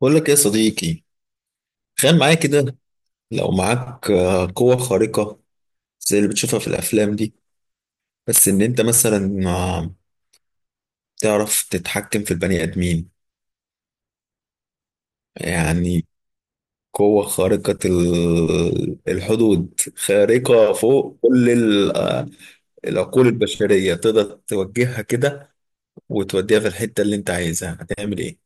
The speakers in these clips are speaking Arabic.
بقول لك إيه يا صديقي. تخيل معايا كده، لو معاك قوة خارقة زي اللي بتشوفها في الأفلام دي، بس إن أنت مثلا تعرف تتحكم في البني آدمين. يعني قوة خارقة، الحدود خارقة فوق كل العقول البشرية، تقدر توجهها كده وتوديها في الحتة اللي أنت عايزها. هتعمل إيه؟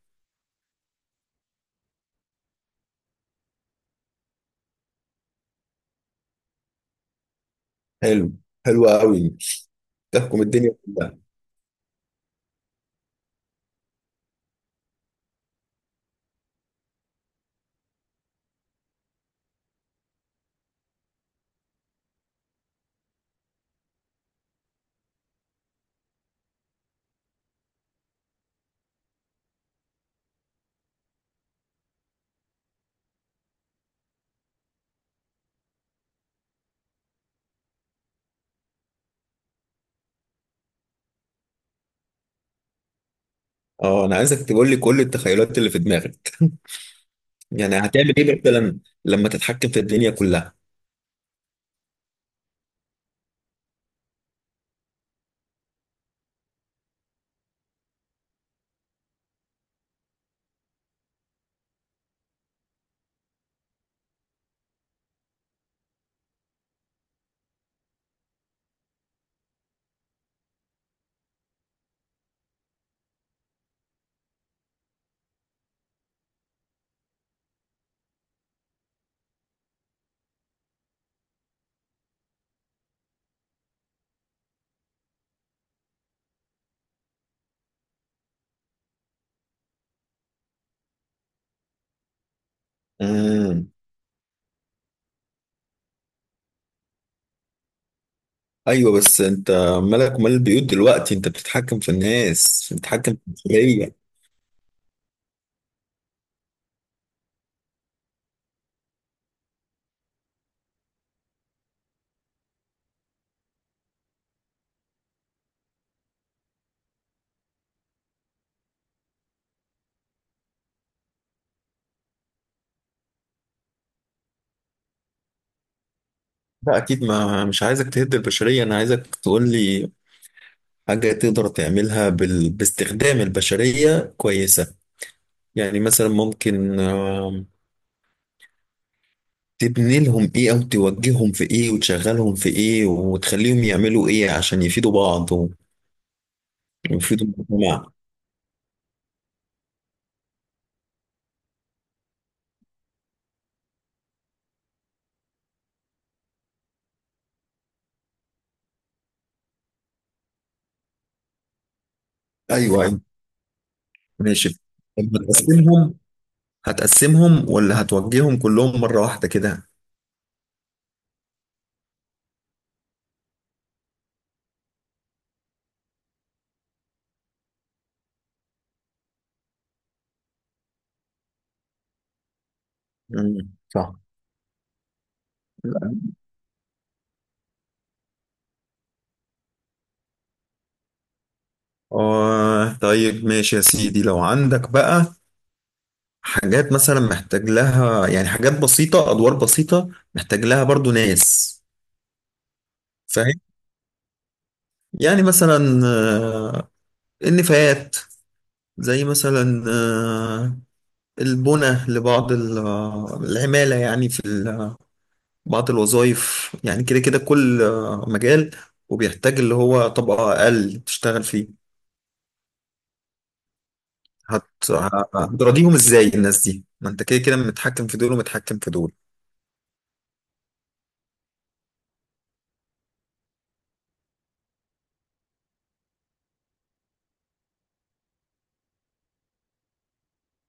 حلو. حلوة أوي. تحكم الدنيا كلها. أه، أنا عايزك تقول لي كل التخيلات اللي في دماغك. يعني هتعمل ايه مثلا لما تتحكم في الدنيا كلها؟ امم. ايوه، بس انت مالك ومال البيوت دلوقتي؟ انت بتتحكم في الناس، بتتحكم في البشريه. لا، اكيد ما مش عايزك تهد البشريه، انا عايزك تقول لي حاجه تقدر تعملها باستخدام البشريه كويسه. يعني مثلا ممكن تبني لهم ايه، او توجههم في ايه، وتشغلهم في ايه، وتخليهم يعملوا ايه عشان يفيدوا بعض ويفيدوا المجتمع. ايوه، أيوة. ماشي. لما تقسمهم، هتقسمهم ولا هتوجههم كلهم مرة واحدة كده؟ مم. صح. آه، طيب ماشي يا سيدي. لو عندك بقى حاجات مثلا محتاج لها، يعني حاجات بسيطة، أدوار بسيطة محتاج لها برضو ناس. فاهم؟ يعني مثلا النفايات، زي مثلا البنى لبعض العمالة، يعني في بعض الوظائف. يعني كده كده كل مجال وبيحتاج اللي هو طبقة أقل تشتغل فيه. هت... هتراضيهم ازاي الناس دي؟ ما انت كده كده متحكم في دول ومتحكم في دول.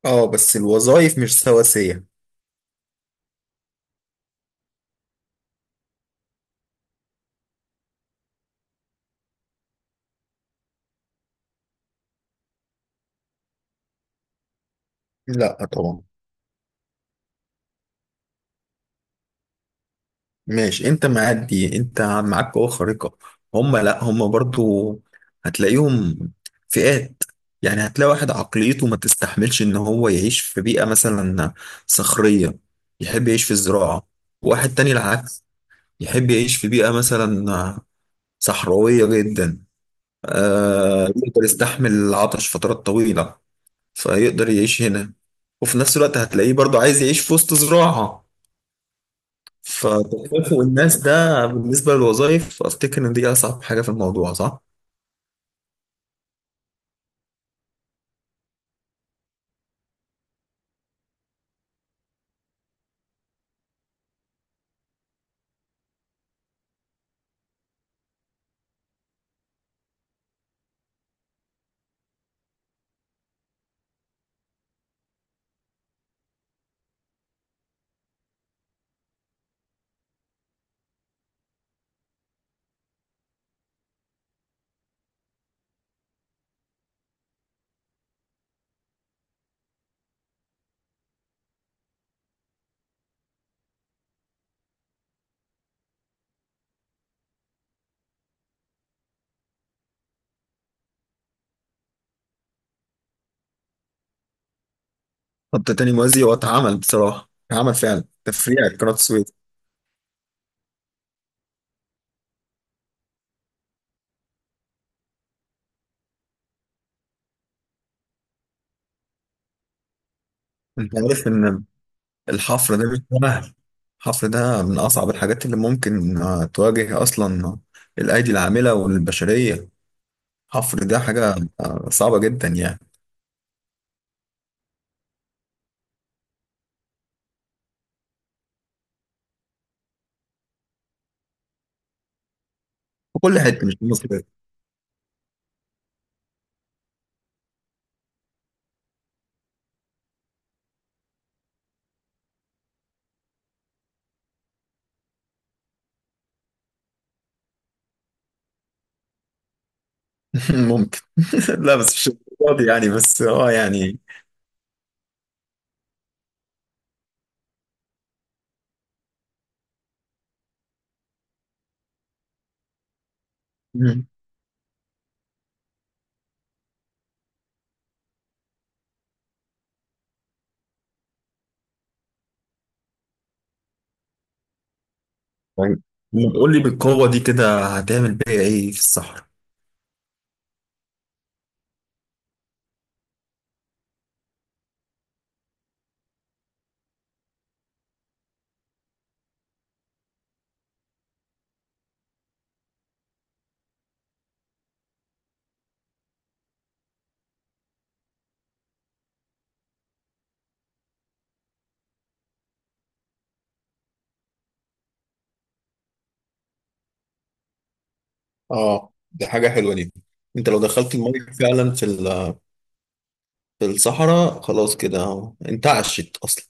اه، بس الوظائف مش سواسية. لا طبعا. ماشي، انت معدي، انت معاك قوة خارقة. هم، لا، هم برضو هتلاقيهم فئات. يعني هتلاقي واحد عقليته ما تستحملش ان هو يعيش في بيئة مثلا صخرية، يحب يعيش في الزراعة. واحد تاني العكس، يحب يعيش في بيئة مثلا صحراوية جدا، يقدر يستحمل العطش فترات طويلة فيقدر يعيش هنا، وفي نفس الوقت هتلاقيه برضو عايز يعيش في وسط زراعة. فتكافؤ الناس ده بالنسبة للوظائف، أفتكر إن دي أصعب حاجة في الموضوع، صح؟ خط تاني موازي، هو اتعمل بصراحة، اتعمل فعلا تفريع قناة السويس. أنت عارف إن الحفر ده مش سهل؟ الحفر ده من أصعب الحاجات اللي ممكن تواجه أصلا الأيدي العاملة والبشرية. الحفر ده حاجة صعبة جدا يعني. في كل حتة مش في مصر. ممكن. لا، بس مش فاضي يعني، بس يعني. مم. طيب، قول لي بالقوة دي كده هتعمل بيها ايه في الصحراء؟ اه، دي حاجة حلوة دي. انت لو دخلت المية فعلا في في الصحراء، خلاص كده انت عشت اصلا.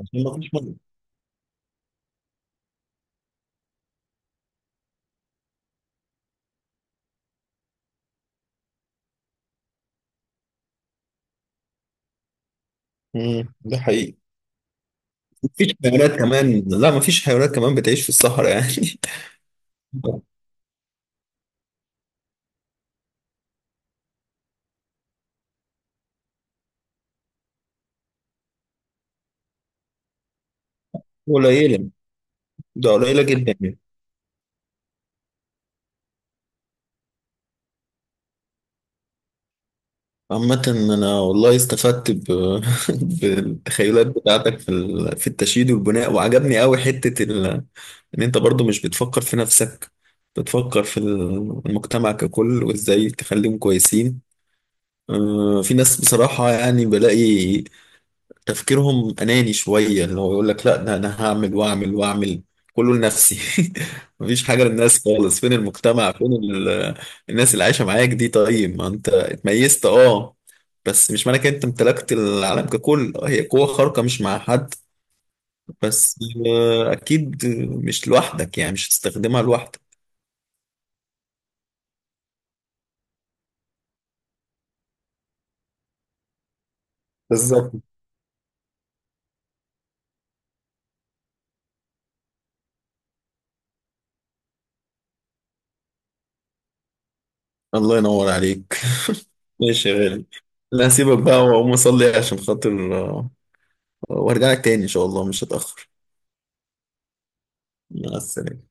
عشان ما فيش مية. ده حقيقي. مفيش حيوانات كمان؟ لا، مفيش حيوانات كمان بتعيش في الصحراء يعني. قليلة. ده قليلة جدا يعني. عامة أنا والله استفدت بالتخيلات بتاعتك في في التشييد والبناء، وعجبني قوي حتة. إن أنت برضو مش بتفكر في نفسك، بتفكر في المجتمع ككل وإزاي تخليهم كويسين. في ناس بصراحة يعني بلاقي تفكيرهم أناني شوية، اللي هو يقول لك لا ده أنا هعمل وأعمل وأعمل، كله لنفسي. مفيش حاجة للناس خالص. فين المجتمع، فين الناس اللي عايشة معاك دي؟ طيب ما أنت اتميزت، بس مش معنى كده أنت امتلكت العالم ككل. هي قوة خارقة، مش مع حد. بس أكيد مش لوحدك يعني، مش هتستخدمها لوحدك. بالظبط. الله ينور عليك. ماشي يا غالي. لا، هسيبك بقى وأقوم أصلي عشان خاطر وأرجع لك تاني إن شاء الله، مش هتأخر. مع السلامة.